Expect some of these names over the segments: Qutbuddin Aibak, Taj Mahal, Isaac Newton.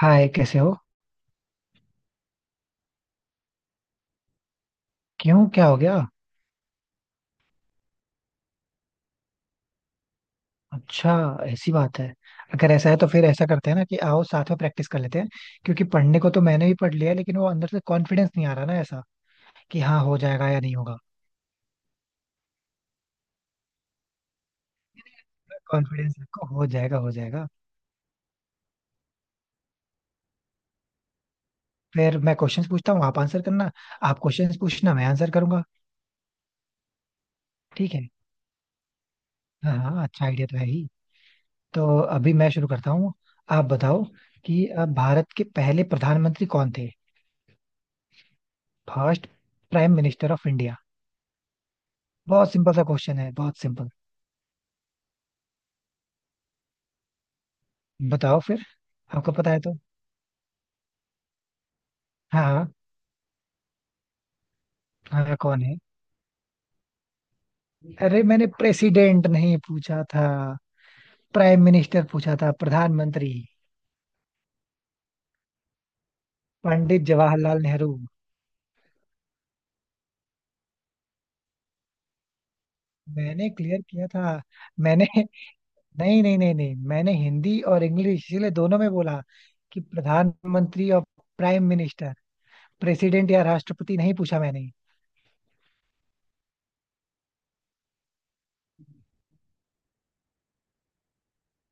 हाय, कैसे हो? क्यों? क्या हो गया? अच्छा। ऐसी बात है। अगर ऐसा है तो फिर ऐसा करते हैं ना, कि आओ, साथ में प्रैक्टिस कर लेते हैं। क्योंकि पढ़ने को तो मैंने भी पढ़ लिया है, लेकिन वो अंदर से कॉन्फिडेंस नहीं आ रहा ना, ऐसा कि हाँ हो जाएगा या नहीं होगा। कॉन्फिडेंस रखो, हो जाएगा, हो जाएगा। फिर मैं क्वेश्चंस पूछता हूँ, आप आंसर करना। आप क्वेश्चंस पूछना, मैं आंसर करूंगा। ठीक है। हाँ हाँ, अच्छा आइडिया तो है ही। तो अभी मैं शुरू करता हूँ। आप बताओ। कि भारत के पहले प्रधानमंत्री कौन थे? First prime minister of India. बहुत सिंपल सा क्वेश्चन है, बहुत सिंपल। बताओ फिर। आपको पता है तो। हाँ हाँ हाँ, कौन है? अरे, मैंने प्रेसिडेंट नहीं पूछा था। प्राइम मिनिस्टर पूछा था, प्रधानमंत्री। पंडित जवाहरलाल नेहरू। मैंने क्लियर किया था। मैंने नहीं नहीं नहीं नहीं, मैंने हिंदी और इंग्लिश इसीलिए दोनों में बोला। कि प्रधानमंत्री और प्राइम मिनिस्टर। प्रेसिडेंट या राष्ट्रपति नहीं पूछा मैंने।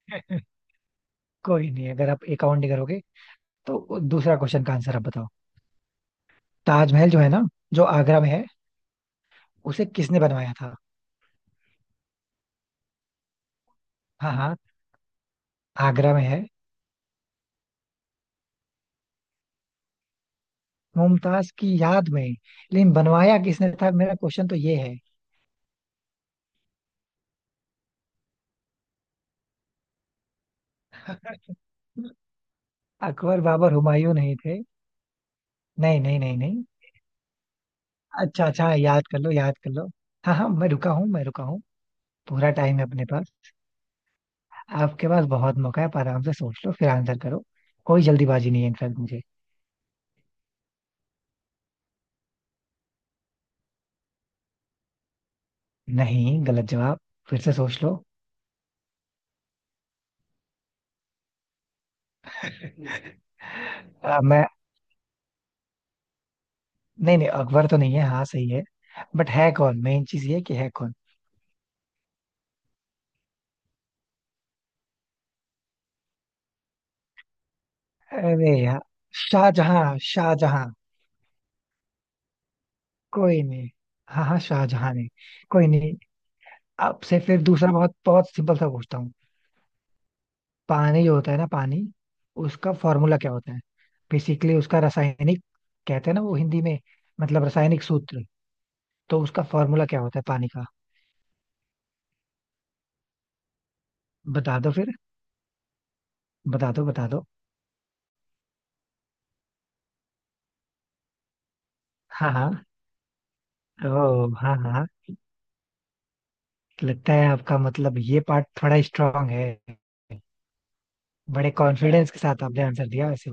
कोई नहीं, अगर आप अकाउंट नहीं करोगे तो दूसरा क्वेश्चन का आंसर आप बताओ। ताजमहल जो है ना, जो आगरा में है, उसे किसने बनवाया था? हाँ हाँ। आगरा में है। मुमताज की याद में। लेकिन बनवाया किसने था, मेरा क्वेश्चन तो ये है। अकबर, बाबर, हुमायूं नहीं थे। नहीं नहीं नहीं नहीं। अच्छा अच्छा, हाँ, याद कर लो, याद कर लो। हाँ हाँ, मैं रुका हूँ, मैं रुका हूँ। पूरा टाइम है अपने पास। आपके पास बहुत मौका है, आप आराम से सोच लो फिर आंसर करो। कोई जल्दीबाजी नहीं है, इनफैक्ट मुझे। नहीं, गलत जवाब। फिर से सोच लो। मैं। नहीं नहीं, अकबर तो नहीं है, हाँ सही है। बट है कौन, मेन चीज ये है कि है कौन। अरे यार, शाहजहां, शाहजहां। कोई नहीं। हाँ हाँ, शाहजहां ने। कोई नहीं। आपसे फिर दूसरा बहुत बहुत सिंपल सा पूछता हूँ। पानी जो होता है ना, पानी, उसका फॉर्मूला क्या होता है? बेसिकली उसका रासायनिक, कहते हैं ना वो हिंदी में, मतलब रासायनिक सूत्र। तो उसका फॉर्मूला क्या होता है पानी का? बता दो फिर। बता दो, बता दो। हाँ हाँ। ओ हाँ हाँ। लगता है आपका मतलब ये पार्ट थोड़ा स्ट्रांग है। बड़े कॉन्फिडेंस के साथ आपने आंसर दिया वैसे।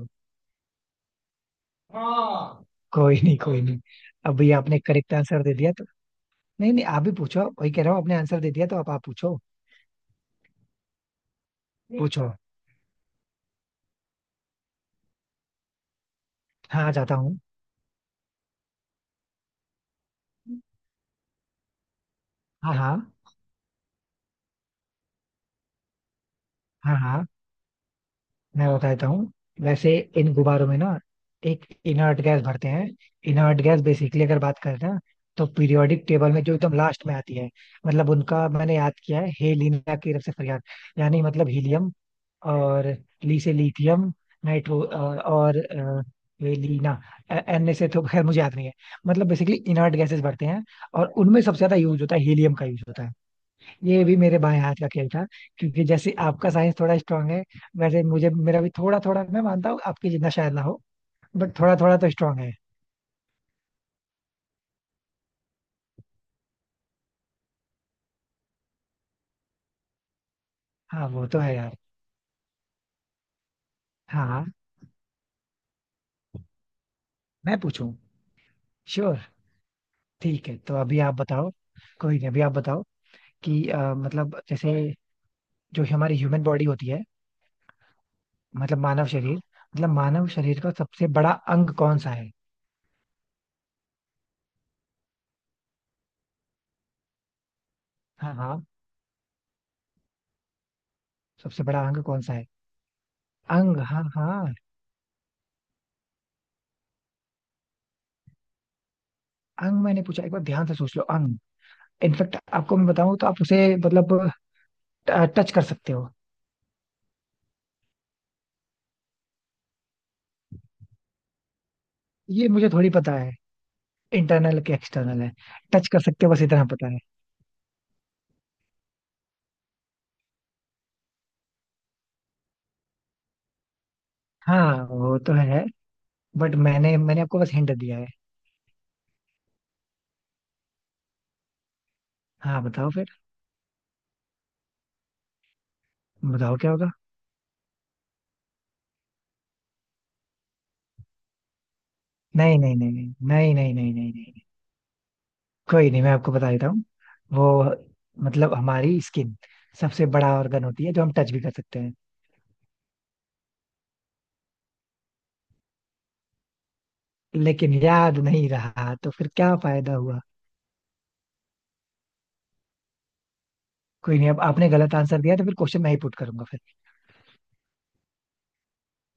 हाँ। कोई नहीं, कोई नहीं। अभी आपने करेक्ट आंसर दे दिया तो। नहीं नहीं, आप भी पूछो, वही कह रहा हूँ, आपने आंसर दे दिया तो आप पूछो। पूछो। हाँ, जाता हूँ। हाँ हाँ। हाँ हाँ। मैं बता देता हूँ। वैसे इन गुब्बारों में ना, एक इनर्ट गैस भरते हैं। इनर्ट गैस बेसिकली, अगर बात करें ना, तो पीरियोडिक टेबल में जो एकदम लास्ट में आती है। मतलब उनका मैंने याद किया है, हेलिना की तरफ से फरियाद। यानी मतलब हीलियम। और, ली से लिथियम। नाइट्रो और वे लीना। एन से तो खैर मुझे याद नहीं है। मतलब बेसिकली इनर्ट गैसेस भरते हैं। और उनमें सबसे ज्यादा यूज होता है, हीलियम का यूज होता है। ये भी मेरे बाएं हाथ का खेल था। क्योंकि जैसे आपका साइंस थोड़ा स्ट्रांग है, वैसे मुझे मेरा भी थोड़ा थोड़ा, मैं मानता हूँ आपके जितना शायद ना हो। बट थोड़ा थोड़ा तो स्ट्रांग है। हाँ वो तो है यार। हाँ। मैं पूछूं? श्योर। ठीक है, तो अभी आप बताओ। कोई नहीं, अभी आप बताओ। कि मतलब जैसे, जो हमारी ह्यूमन बॉडी होती है, मतलब मानव शरीर, मतलब मानव शरीर का सबसे बड़ा अंग कौन सा है? हाँ हाँ। सबसे बड़ा अंग कौन सा है? अंग, हाँ हाँ। अंग मैंने पूछा, एक बार ध्यान से सोच लो, अंग। इनफेक्ट आपको मैं बताऊं तो आप उसे, मतलब, टच कर सकते हो। ये मुझे थोड़ी पता है। इंटरनल के एक्सटर्नल है। टच कर सकते हो, बस इतना पता है। हाँ वो तो है। बट मैंने मैंने आपको बस हिंट दिया है। हाँ, बताओ फिर। बताओ क्या होगा। नहीं नहीं नहीं नहीं। नहीं नहीं नहीं नहीं नहीं। कोई नहीं, मैं आपको बता देता हूँ। वो, मतलब हमारी स्किन, सबसे बड़ा ऑर्गन होती है जो हम टच भी कर सकते हैं। लेकिन याद नहीं रहा तो फिर क्या फायदा हुआ? कोई नहीं, अब आपने गलत आंसर दिया तो फिर क्वेश्चन मैं ही पुट करूंगा फिर।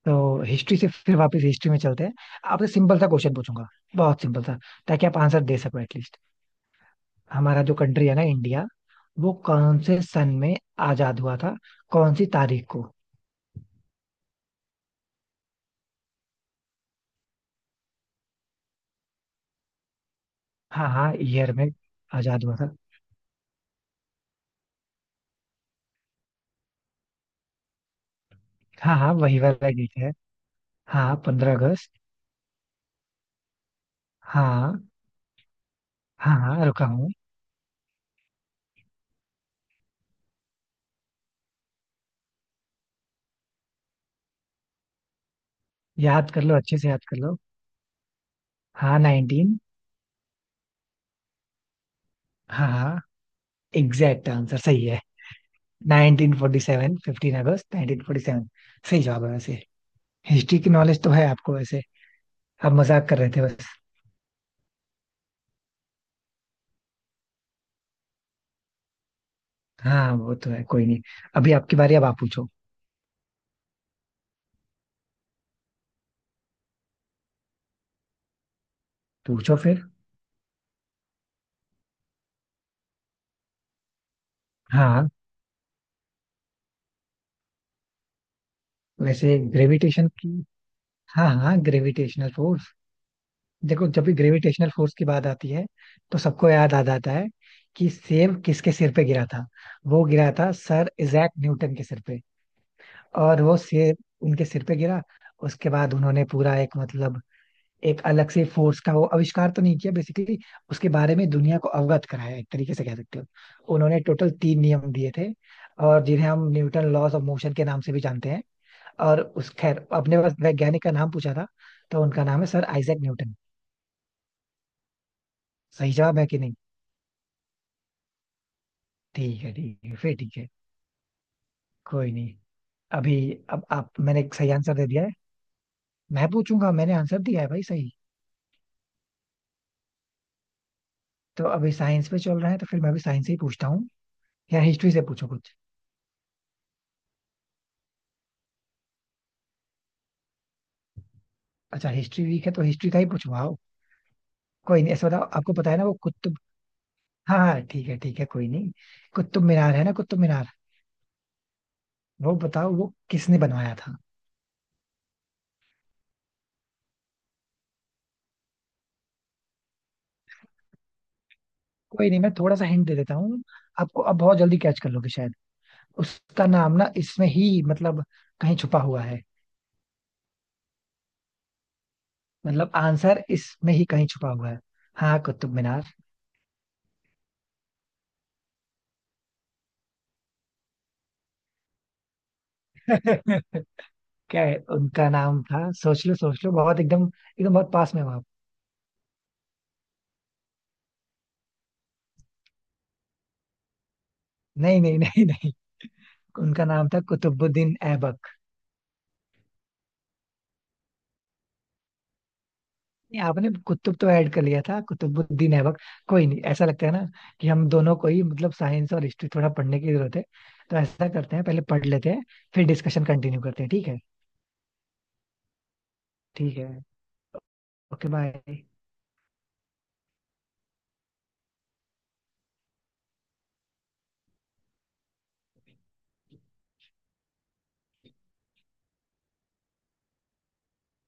तो हिस्ट्री से फिर वापस हिस्ट्री में चलते हैं। आपसे सिंपल सा क्वेश्चन पूछूंगा। बहुत सिंपल सा। ताकि आप आंसर दे सको एटलीस्ट। हमारा जो कंट्री है ना, इंडिया, वो कौन से सन में आजाद हुआ था? कौन सी तारीख को? हाँ हाँ, ईयर में आजाद हुआ था। हाँ हाँ, वही वाला डेट है। हाँ, 15 अगस्त। हाँ हाँ, हाँ रुका हूँ। याद कर लो, अच्छे से याद कर लो। हाँ, नाइनटीन। हाँ हाँ। एग्जैक्ट आंसर सही है। 1947, 15 अगस्त 1947। सही जवाब है वैसे। हिस्ट्री की नॉलेज तो है आपको वैसे। आप मजाक कर रहे थे बस। हाँ वो तो है, कोई नहीं। अभी आपकी बारी, अब आप पूछो। पूछो फिर। हाँ, वैसे ग्रेविटेशन की, हाँ हाँ, ग्रेविटेशनल फोर्स। देखो, जब भी ग्रेविटेशनल फोर्स की बात आती है, तो सबको याद आ जाता है कि सेब किसके सिर पे गिरा था। वो गिरा था सर इजैक न्यूटन के सिर पे। और वो सेब उनके सिर पे गिरा, उसके बाद उन्होंने पूरा एक मतलब, एक अलग से फोर्स का वो आविष्कार तो नहीं किया बेसिकली, उसके बारे में दुनिया को अवगत कराया, एक तरीके से कह सकते हो। उन्होंने टोटल तीन नियम दिए थे। और जिन्हें हम न्यूटन लॉज ऑफ मोशन के नाम से भी जानते हैं। और उस, खैर, अपने पास वैज्ञानिक का नाम पूछा था। तो उनका नाम है सर आइजैक न्यूटन। सही जवाब है कि नहीं? ठीक है, ठीक है फिर, ठीक है। कोई नहीं। अभी, अब आप, मैंने एक सही आंसर दे दिया है। मैं पूछूंगा, मैंने आंसर दिया है भाई सही। तो अभी साइंस पे चल रहा है तो फिर मैं भी साइंस से ही पूछता हूँ। या हिस्ट्री से पूछो कुछ। अच्छा, हिस्ट्री वीक है तो हिस्ट्री का ही पूछवाओ। कोई नहीं, ऐसा बताओ, आपको पता है ना वो कुतुब? हाँ हाँ, ठीक है ठीक है, कोई नहीं। कुतुब मीनार है ना, कुतुब मीनार, वो बताओ वो किसने बनवाया था? कोई नहीं, मैं थोड़ा सा हिंट दे देता हूँ। आपको अब बहुत जल्दी कैच कर लोगे शायद। उसका नाम ना इसमें ही, मतलब कहीं छुपा हुआ है। मतलब आंसर इसमें ही कहीं छुपा हुआ है। हाँ, कुतुब मीनार। क्या है उनका नाम था, सोच लो सोच लो, बहुत एकदम एकदम बहुत पास में हो आप। नहीं नहीं नहीं नहीं। उनका नाम था कुतुबुद्दीन ऐबक। नहीं, आपने कुतुब तो ऐड कर लिया था, कुतुबुद्दीन ऐबक। कोई नहीं, ऐसा लगता है ना, कि हम दोनों को ही मतलब साइंस और हिस्ट्री थोड़ा पढ़ने की जरूरत है। तो ऐसा करते हैं, पहले पढ़ लेते हैं। फिर डिस्कशन कंटिन्यू करते हैं, ठीक है? ठीक है। Okay, bye.